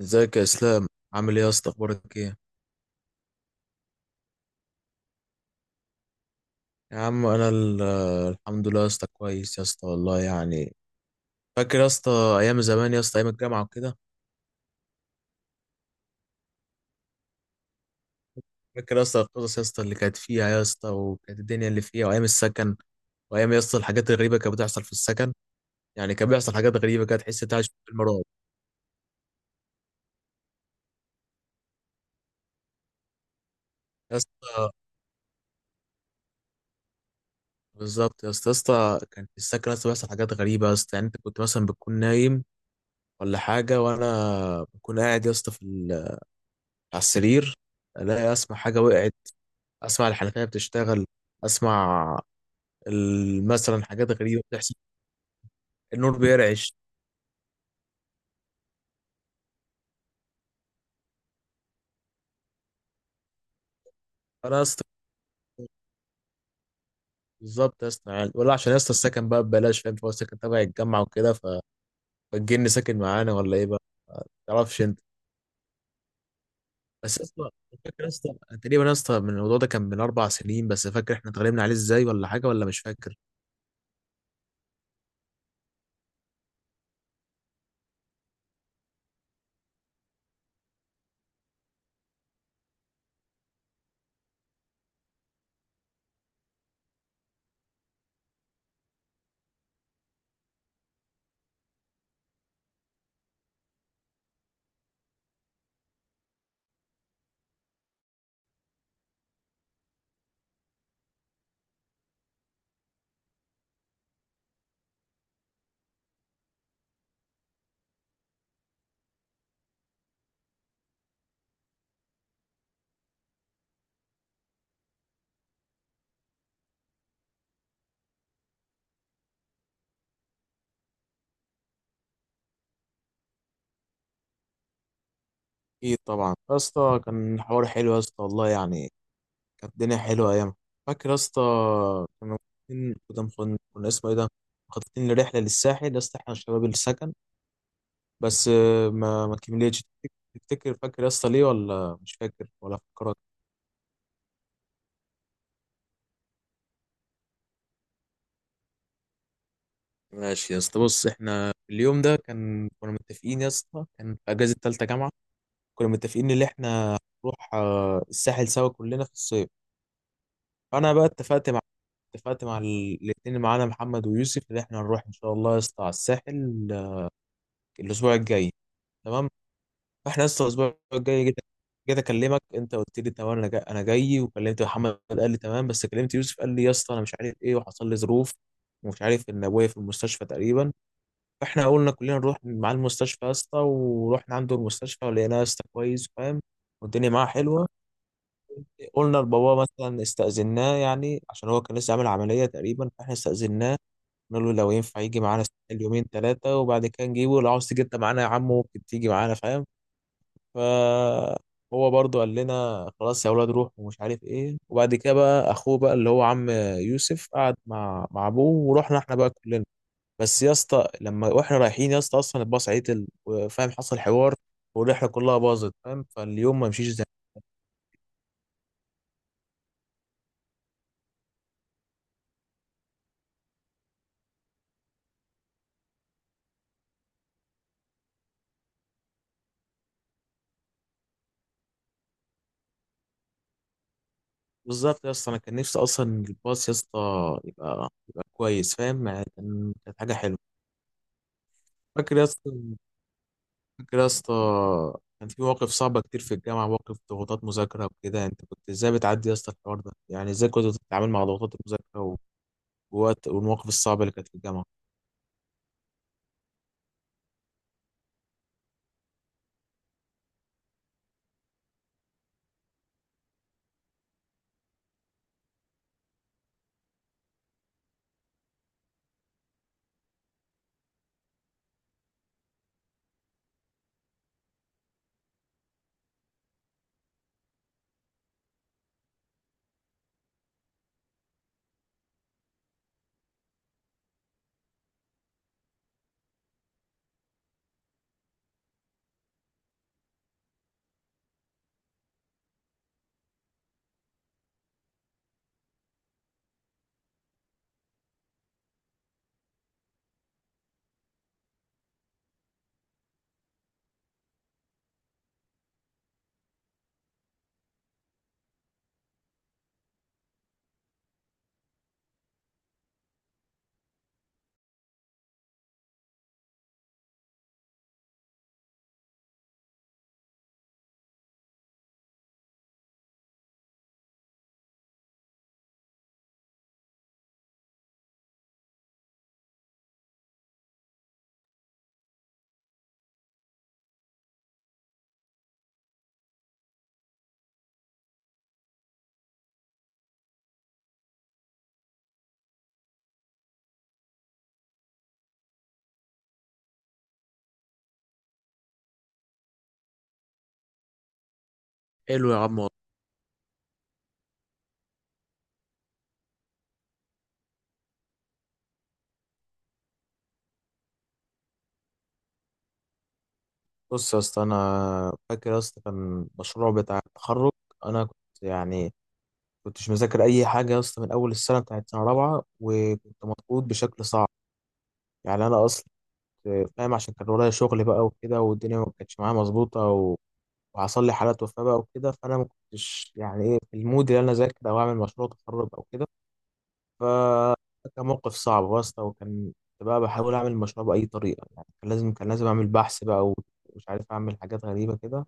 ازيك يا اسلام؟ عامل ايه يا اسطى؟ اخبارك ايه؟ يا عم انا الحمد لله يا اسطى، كويس يا اسطى والله يعني. فاكر يا اسطى ايام زمان يا اسطى، ايام الجامعه وكده؟ فاكر يا اسطى القصص يا اسطى اللي كانت فيها يا اسطى، وكانت الدنيا اللي فيها وايام السكن، وايام يا اسطى الحاجات الغريبه كانت بتحصل في السكن. يعني كان بيحصل حاجات غريبه كانت تحس انت عايش في فيلم رعب. يا اسطى بالظبط يا اسطى كان في السكن يا اسطى بيحصل حاجات غريبه يا اسطى، يعني انت كنت مثلا بتكون نايم ولا حاجه، وانا بكون قاعد يا اسطى على السرير، الاقي اسمع حاجه وقعت، اسمع الحنفيه بتشتغل، اسمع مثلا حاجات غريبه بتحصل، النور بيرعش. انا يا اسطى بالظبط يا اسطى، يعني ولا عشان يا اسطى السكن بقى ببلاش فاهم، فهو السكن تبع الجامعه وكده، فالجن ساكن معانا ولا ايه بقى؟ ما تعرفش انت. بس يا اسطى، فاكر يا اسطى تقريبا يا اسطى من الموضوع ده، كان من 4 سنين بس، فاكر احنا اتغلبنا عليه ازاي ولا حاجه ولا مش فاكر؟ اكيد طبعا يا اسطى، كان حوار حلو يا اسطى والله يعني، كانت الدنيا حلوة أيام. فاكر يا اسطى كنا مخططين، كنا اسمه إيه ده، مخططين لرحلة للساحل يا اسطى، إحنا شباب السكن، بس ما كملتش. تفتكر فاكر يا اسطى ليه ولا مش فاكر ولا فكرك؟ ماشي يا اسطى، بص، إحنا اليوم ده كنا متفقين يا اسطى، كان في أجازة تالتة جامعة، كنا متفقين إن إحنا نروح الساحل سوا كلنا في الصيف. فأنا بقى اتفقت مع الاتنين معانا، محمد ويوسف، إن إحنا نروح إن شاء الله يا اسطى على الساحل، الأسبوع الجاي، تمام. احنا لسه الاسبوع الجاي، جيت اكلمك، انت قلت لي تمام انا جاي انا جاي، وكلمت محمد قال لي تمام، بس كلمت يوسف قال لي يا اسطى انا مش عارف ايه، وحصل لي ظروف، ومش عارف، ان ابويا في المستشفى تقريبا. فاحنا قلنا كلنا نروح مع المستشفى يا اسطى، ورحنا عنده المستشفى، ولقيناه يا اسطى كويس فاهم، والدنيا معاه حلوه. قلنا لبابا مثلا، استأذناه يعني، عشان هو كان لسه عامل عمليه تقريبا، فاحنا استأذناه، قلنا له لو ينفع يجي معانا اليومين ثلاثه، وبعد كده نجيبه، لو عاوز تيجي انت معانا يا عم، ممكن تيجي معانا فاهم. فهو برضو قال لنا خلاص يا اولاد روحوا ومش عارف ايه، وبعد كده بقى اخوه بقى، اللي هو عم يوسف، قعد مع ابوه، ورحنا احنا بقى كلنا. بس يا اسطى لما واحنا رايحين يا اسطى، اصلا الباص عطل وفاهم، حصل حوار، والرحله كلها باظت فاهم، فاليوم ما مشيش زي. بالظبط يا اسطى، انا كان نفسي اصلا الباص يا اسطى يبقى كويس فاهم، يعني كانت حاجه حلوه. فاكر يا اسطى فاكر يا اسطى كان في مواقف صعبة كتير في الجامعة، مواقف ضغوطات مذاكرة وكده، انت كنت ازاي بتعدي يا اسطى الحوار ده؟ يعني ازاي كنت بتتعامل مع ضغوطات المذاكرة ووقت والمواقف الصعبة اللي كانت في الجامعة؟ حلو يا عم والله. بص يا اسطى، انا فاكر يا اسطى كان مشروع بتاع التخرج، انا كنت يعني كنتش مذاكر اي حاجة يا اسطى من اول السنة بتاعت سنة رابعة، وكنت مضغوط بشكل صعب، يعني انا اصلا كنت فاهم، عشان كان ورايا شغل بقى وكده، والدنيا ما كانتش معايا مظبوطة، وحصل لي حالات وفاة بقى وكده، فأنا ما كنتش يعني إيه في المود اللي أنا أذاكر أو أعمل مشروع تخرج أو كده. فكان موقف صعب واسطة، وكان كنت بقى بحاول أعمل المشروع بأي طريقة، يعني كان لازم أعمل بحث بقى، ومش عارف أعمل حاجات غريبة كده.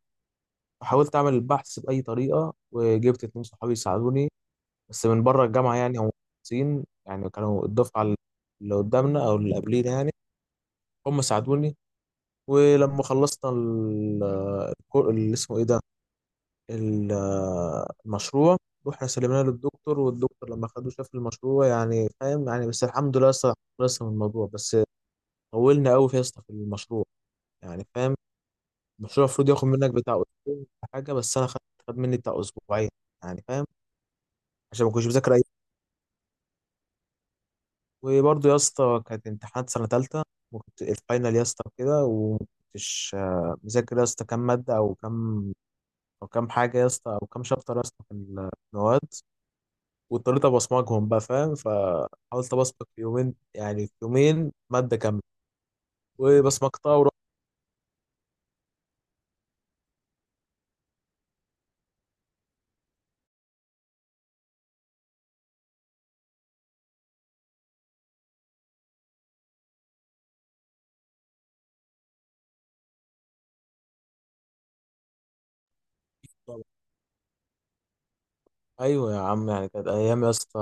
فحاولت أعمل البحث بأي طريقة، وجبت اتنين صحابي يساعدوني، بس من بره الجامعة يعني، هم مهندسين يعني، كانوا الدفعة اللي قدامنا أو اللي قبلينا يعني، هم ساعدوني. ولما خلصنا اللي اسمه إيه ده، المشروع، رحنا سلمناه للدكتور، والدكتور لما خدوه شاف المشروع يعني فاهم يعني، بس الحمد لله لسه خلصنا من الموضوع، بس طولنا قوي يا اسطى في المشروع، يعني فاهم. المشروع المفروض ياخد منك بتاع اسبوع ولا حاجه، بس انا خدت خد مني بتاع اسبوعين، يعني فاهم، عشان ما كنتش بذاكر اي. وبرضه يا اسطى كانت امتحانات سنه ثالثه، وكنت الفاينل يا اسطى كده، ومكنتش مذاكر يا اسطى كام ماده، او كام حاجه يا اسطى، او كام شابتر يا اسطى في المواد. واضطريت ابقى اسمجهم بقى فاهم، فحاولت ابصمج في يومين، يعني في يومين ماده كامله، وبصمجتها ورحت. طبعا. ايوه يا عم، يعني كانت ايام يا اسطى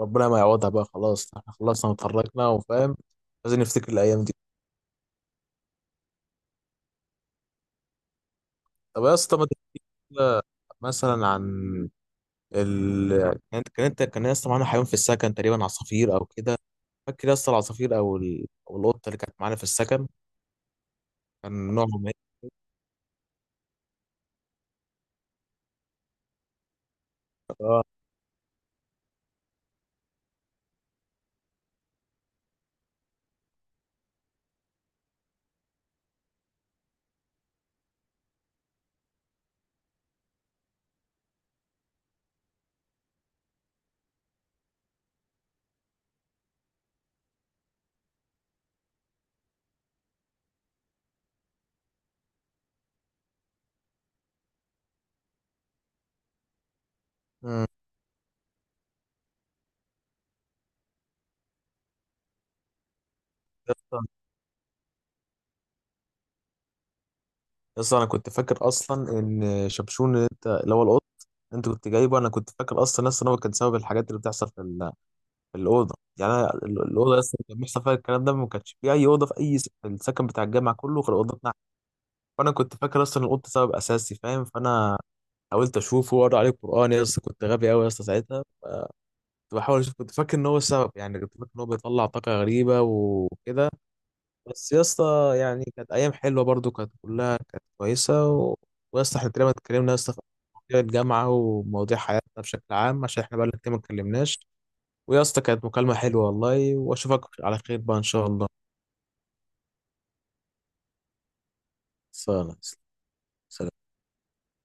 ربنا ما يعوضها بقى، خلاص احنا خلصنا وتخرجنا وفاهم، لازم نفتكر الايام دي. طب يا اسطى ما تحكي لنا مثلا عن ال كان كان انت كان يا اسطى معانا حيوان في السكن تقريبا، عصافير او كده. فاكر يا اسطى العصافير او او القطه اللي كانت معانا في السكن؟ كان نوعهم ايه؟ مم. اصلا انا كنت فاكر اصلا ان شبشون، اللي هو القط انت كنت جايبه، انا كنت فاكر اصلا هو كان سبب الحاجات اللي بتحصل في الاوضه، يعني الاوضه اصلا كان بيحصل فيها الكلام ده، ما كانش في اي اوضه في في السكن بتاع الجامعه كله غير اوضه نحت. فانا كنت فاكر اصلا القط سبب اساسي فاهم، فانا حاولت اشوفه واقرا عليه القران يا اسطى، كنت غبي قوي يا اسطى ساعتها، كنت بحاول اشوف، كنت فاكر ان هو السبب، يعني كنت فاكر ان هو بيطلع طاقه غريبه وكده. بس يا اسطى يعني كانت ايام حلوه برضو، كانت كلها كانت كويسه. ويا اسطى احنا تقريبا اتكلمنا يا اسطى في مواضيع الجامعه ومواضيع حياتنا بشكل عام، عشان احنا بقالنا كتير ما اتكلمناش. ويا اسطى كانت مكالمه حلوه والله، واشوفك على خير بقى ان شاء الله. خلصانة. سلام.